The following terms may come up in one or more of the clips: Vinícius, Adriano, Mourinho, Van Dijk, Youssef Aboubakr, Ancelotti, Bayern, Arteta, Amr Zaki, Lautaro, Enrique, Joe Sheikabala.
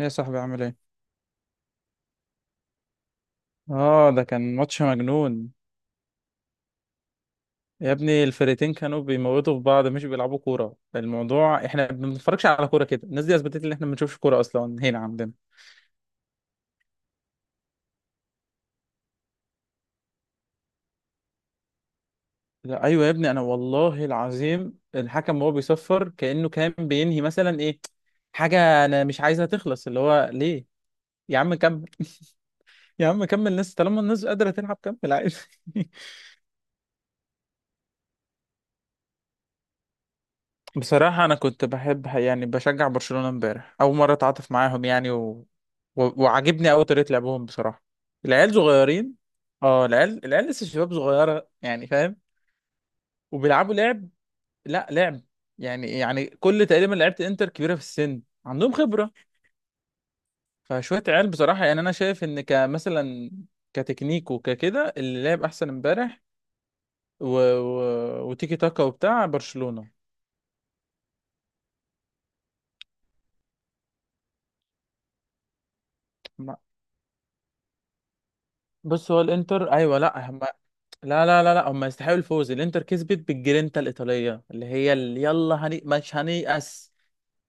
ايه يا صاحبي عامل ايه؟ اه، ده كان ماتش مجنون. يا ابني الفرقتين كانوا بيموتوا في بعض مش بيلعبوا كورة. الموضوع احنا ما بنتفرجش على كورة كده، الناس دي اثبتت ان احنا ما بنشوفش كورة اصلا هنا عندنا. لا ايوه يا ابني، انا والله العظيم الحكم وهو بيصفر كأنه كان بينهي مثلا ايه حاجة انا مش عايزها تخلص. اللي هو ليه؟ يا عم كمل يا عم كمل، الناس طالما الناس قادرة تلعب كمل عادي. بصراحة أنا كنت بحب يعني بشجع برشلونة امبارح، أول مرة أتعاطف معاهم يعني و... و... وعاجبني أوي طريقة لعبهم بصراحة. العيال صغيرين. اه العيال لسه شباب صغيرة يعني، فاهم؟ وبيلعبوا لعب، لا لعب، يعني يعني كل تقريبا لعيبة انتر كبيرة في السن عندهم خبرة، فشوية عيال. بصراحة يعني أنا شايف إن كمثلا كتكنيك وككده اللي لعب أحسن امبارح و... و... وتيكي تاكا وبتاع برشلونة. ما- بص، هو الانتر ايوه. لا، لا لا لا لا هم يستحقوا الفوز. الانتر كسبت بالجرينتا الايطاليه اللي هي اللي يلا، هني مش هنيأس.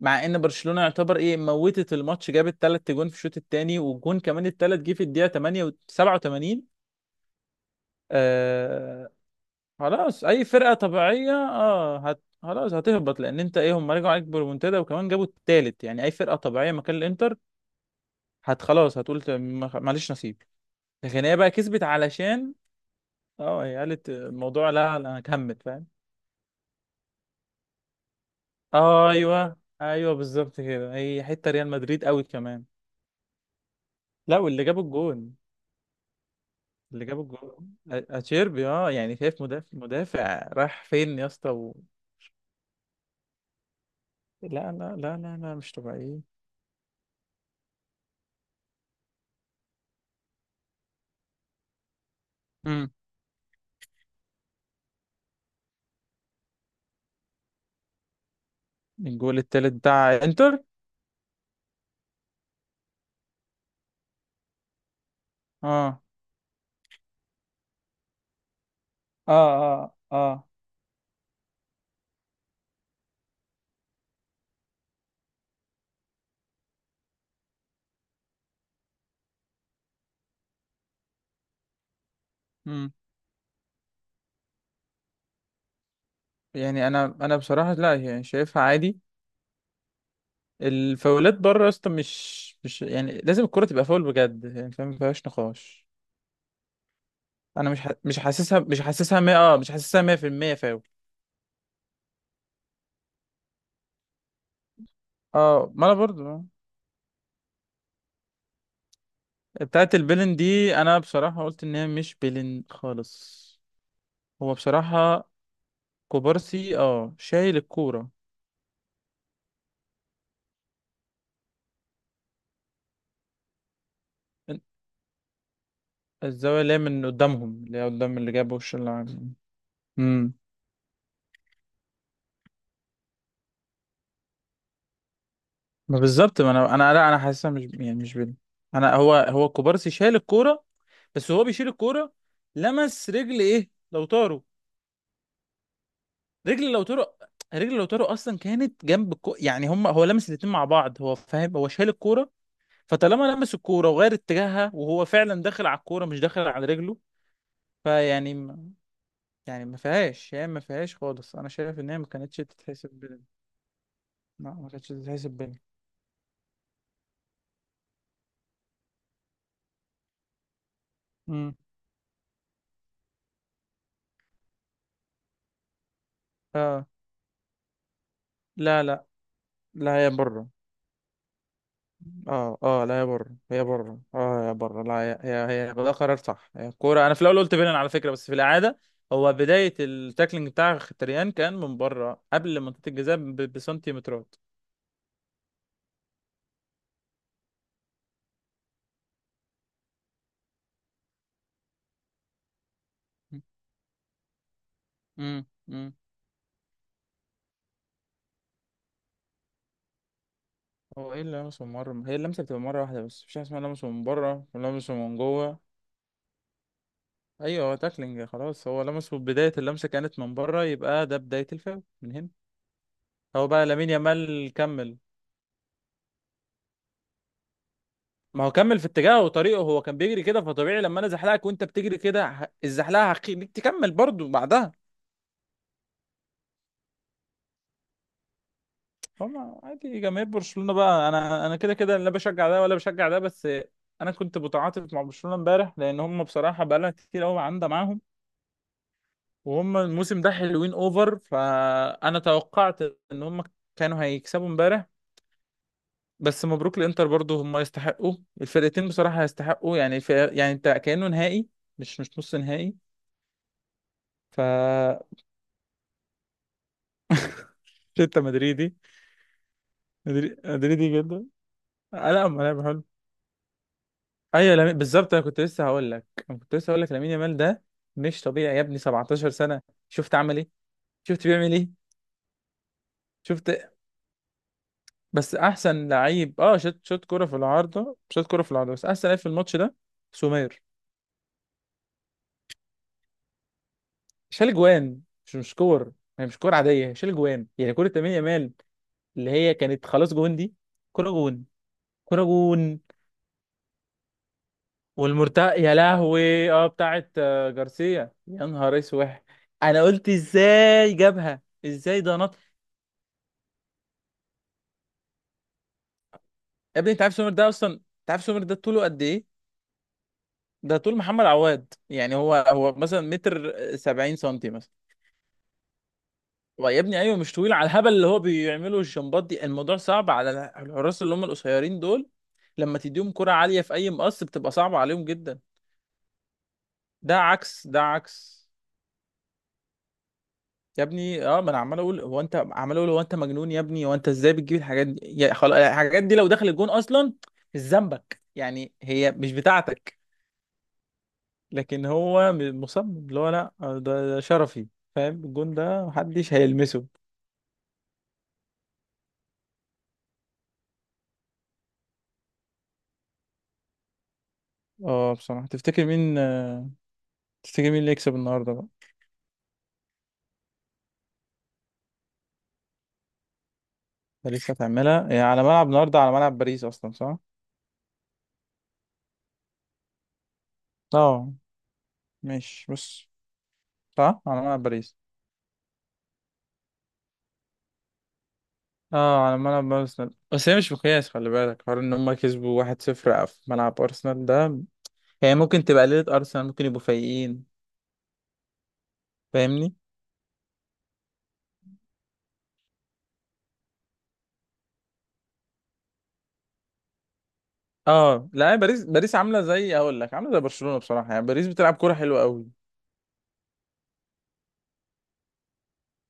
مع ان برشلونه يعتبر ايه موتت الماتش، جابت 3 جون في الشوط الثاني، والجون كمان الثالث جه في الدقيقه 8 و 87. آه، خلاص اي فرقه طبيعيه، اه هت خلاص هتهبط، لان انت ايه، هم رجعوا عليك بريمونتادا وكمان جابوا الثالث، يعني اي فرقه طبيعيه مكان الانتر هت خلاص هتقول معلش نصيب. لكن هي بقى كسبت علشان اه، هي قالت الموضوع لا انا هكمل، فاهم؟ آه ايوه ايوه، بالظبط كده، هي حته ريال مدريد قوي كمان. لا، واللي جاب الجون، اللي جاب الجون اتشيربي، اه يعني شايف مدافع مدافع راح فين يا اسطى لا لا لا لا لا مش طبيعيين. امم. الجول التالت بتاع انتر اه اه اه. اه. امم. يعني انا بصراحه لا يعني شايفها عادي. الفاولات بره يا اسطى، مش مش يعني لازم الكره تبقى فاول بجد يعني فاهم، ما فيهاش نقاش. انا مش حاسسها مش حاسسها 100، اه مش حاسسها 100% فاول. اه ما انا برضو. بتاعت البلن دي انا بصراحة قلت ان هي مش بلن خالص. هو بصراحة كوبارسي اه شايل الكورة. الزاوية اللي هي من قدامهم، اللي هي قدام اللي جاب وش اللاعب. امم. ما بالظبط، ما انا لا انا حاسسها مش يعني مش بلن. انا هو هو كوبارسي شايل الكورة. بس هو بيشيل الكورة. لمس رجل ايه لوتارو. رجل لوتارو. رجل لوتارو اصلا كانت جنب. يعني هم هو لمس الاتنين مع بعض. هو فاهم هو شايل الكورة. فطالما لمس الكوره وغير اتجاهها وهو فعلا داخل على الكوره مش داخل على رجله. فيعني م- يعني ما فيهاش، يعني ما فيهاش خالص. انا شايف ان هي ما كانتش تتحسب بين. لا ما كانتش تتحسب بين. امم. اه لا لا لا هي بره. اه اه لا هي بره هي بره اه هي بره، لا هي ده قرار صح. هي الكوره انا في الاول قلت بينن على فكره، بس في الاعاده. هو بدايه التاكلينج بتاع مختريان كان من بره قبل منطقه الجزاء بسنتيمترات. امم. هو ايه اللمس من بره؟ هي اللمسه بتبقى مره واحده بس، مفيش حاجه اسمها لمسه من بره ولمسه من جوه. ايوه هو تاكلينج خلاص، هو لمسه بدايه اللمسه كانت من بره، يبقى ده بدايه الفاول من هنا. هو بقى لامين يامال كمل. ما هو كمل في اتجاهه وطريقه، هو كان بيجري كده، فطبيعي لما انا زحلقك وانت بتجري كده الزحلقه هخليك تكمل برضو بعدها. فما عادي جماهير برشلونه بقى، انا كده كده لا بشجع ده ولا بشجع ده بس. انا كنت متعاطف مع برشلونه امبارح لان هم بصراحه بقالها كتير قوي عندها معاهم. وهم الموسم ده حلوين اوفر، فانا توقعت ان هم كانوا هيكسبوا امبارح. بس مبروك الانتر برضو، هم يستحقوا. الفرقتين بصراحة يستحقوا، يعني في يعني انت كأنه نهائي، مش مش نص نهائي. ف انت مدريدي. مدريدي جدا. آه، لا هم لعب حلو. ايوه لامين بالظبط، انا كنت لسه هقول لك، انا كنت لسه هقول لك لامين يامال ده مش طبيعي يا ابني. 17 سنة، شفت عمل ايه، شفت بيعمل ايه، شفت. بس احسن لعيب اه شات شات كوره في العارضه، شات كوره في العارضه، بس احسن لعيب في الماتش ده. سومير شال جوان، مش مش كور، يعني مش كور عاديه، شال جوان، يعني كوره لامين يامال اللي هي كانت خلاص جون دي، كوره جون، كوره جون. والمرتق يا لهوي اه بتاعت آه، جارسيا، يا نهار اسود. انا قلت ازاي جابها، ازاي ده نط. يا ابني انت عارف سومير ده اصلا، انت عارف سومير ده طوله قد ايه؟ ده طول محمد عواد يعني، هو هو مثلا متر سبعين سنتي مثلا. ويا ابني ايوه مش طويل على الهبل اللي هو بيعمله، الجمبات دي الموضوع صعب على الحراس اللي هم القصيرين دول. لما تديهم كرة عالية في اي مقص بتبقى صعبة عليهم جدا. ده عكس، ده عكس. يا ابني اه ما انا عمال اقول هو انت، عمال اقول هو انت مجنون يا ابني، هو انت ازاي بتجيب الحاجات دي، يا خلاص الحاجات دي لو دخل الجون اصلا مش ذنبك يعني، هي مش بتاعتك. لكن هو مصمم اللي هو لا آه، ده شرفي، فاهم، الجون ده محدش هيلمسه. اه بصراحة تفتكر مين آه، تفتكر مين اللي يكسب النهارده بقى؟ باريس هتعملها هي على ملعب النهارده، على ملعب باريس اصلا صح؟ اه، ماشي بص، صح على ملعب باريس. اه على ملعب ارسنال، بس هي مش مقياس، خلي بالك حوار ان هم كسبوا 1-0 في ملعب ارسنال ده. هي ممكن تبقى ليلة ارسنال، ممكن يبقوا فايقين، فاهمني؟ اه لا هي باريس عامله زي اقول لك عامله زي برشلونه بصراحه، يعني باريس بتلعب كوره حلوه قوي.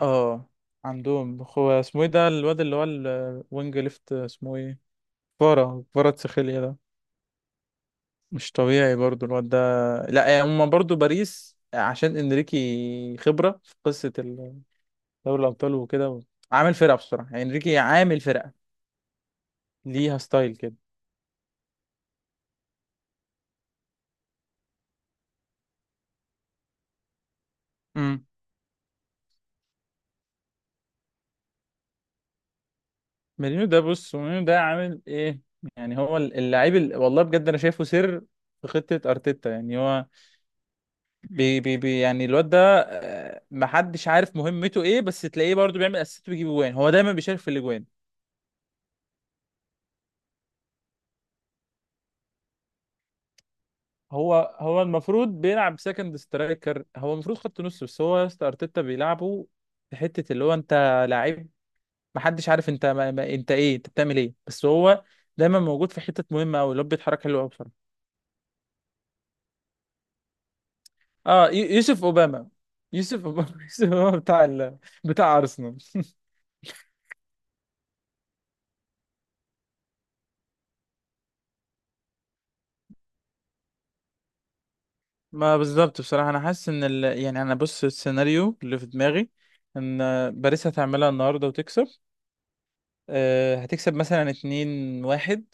اه عندهم، هو اسمه ايه ده الواد اللي هو الوينج ليفت اسمه ايه؟ كفارة كفارة تسخيليا ده. مش طبيعي برضو الواد ده. لا يعني هما برضو باريس عشان انريكي خبرة في قصة دوري الأبطال وكده. عامل فرقة بصراحة يعني، انريكي عامل فرقة، ليها ستايل كده. امم. مورينيو ده بص، مورينيو ده عامل ايه؟ يعني هو اللعيب والله بجد انا شايفه سر في خطة ارتيتا، يعني هو بي بي بي يعني الواد ده آه، محدش عارف مهمته ايه، بس تلاقيه برضو بيعمل اسيست ويجيب جوان، هو دايما بيشارك في الاجوان. هو هو المفروض بيلعب سكند سترايكر، هو المفروض خط نص، بس هو يا اسطى ارتيتا بيلعبه في حته اللي هو انت لعيب محدش عارف انت ما انت ايه انت بتعمل ايه، بس هو دايما موجود في حتت مهمه قوي، اللي هو بيتحرك حلو قوي بصراحه. اه يوسف اوباما، يوسف اوباما يوسف اوباما بتاع بتاع ارسنال ما بالظبط بصراحه، انا حاسس ان يعني انا بص السيناريو اللي في دماغي ان باريس هتعملها النهارده وتكسب، أه هتكسب مثلا 2-1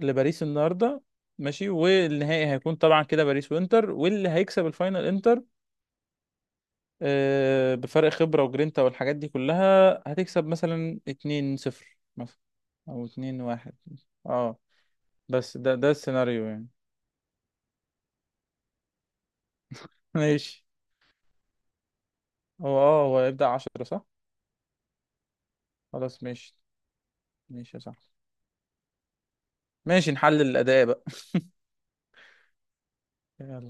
لباريس النهارده. ماشي، والنهائي هيكون طبعا كده باريس وانتر، واللي هيكسب الفاينل انتر آه، بفرق خبرة وجرينتا والحاجات دي كلها، هتكسب مثلا 2-0 مثلا، او 2-1. اه بس ده ده السيناريو يعني. ماشي. هو اه هو هيبدأ 10 صح؟ خلاص ماشي. ماشي يا صاحبي. ماشي نحلل الأداء بقى.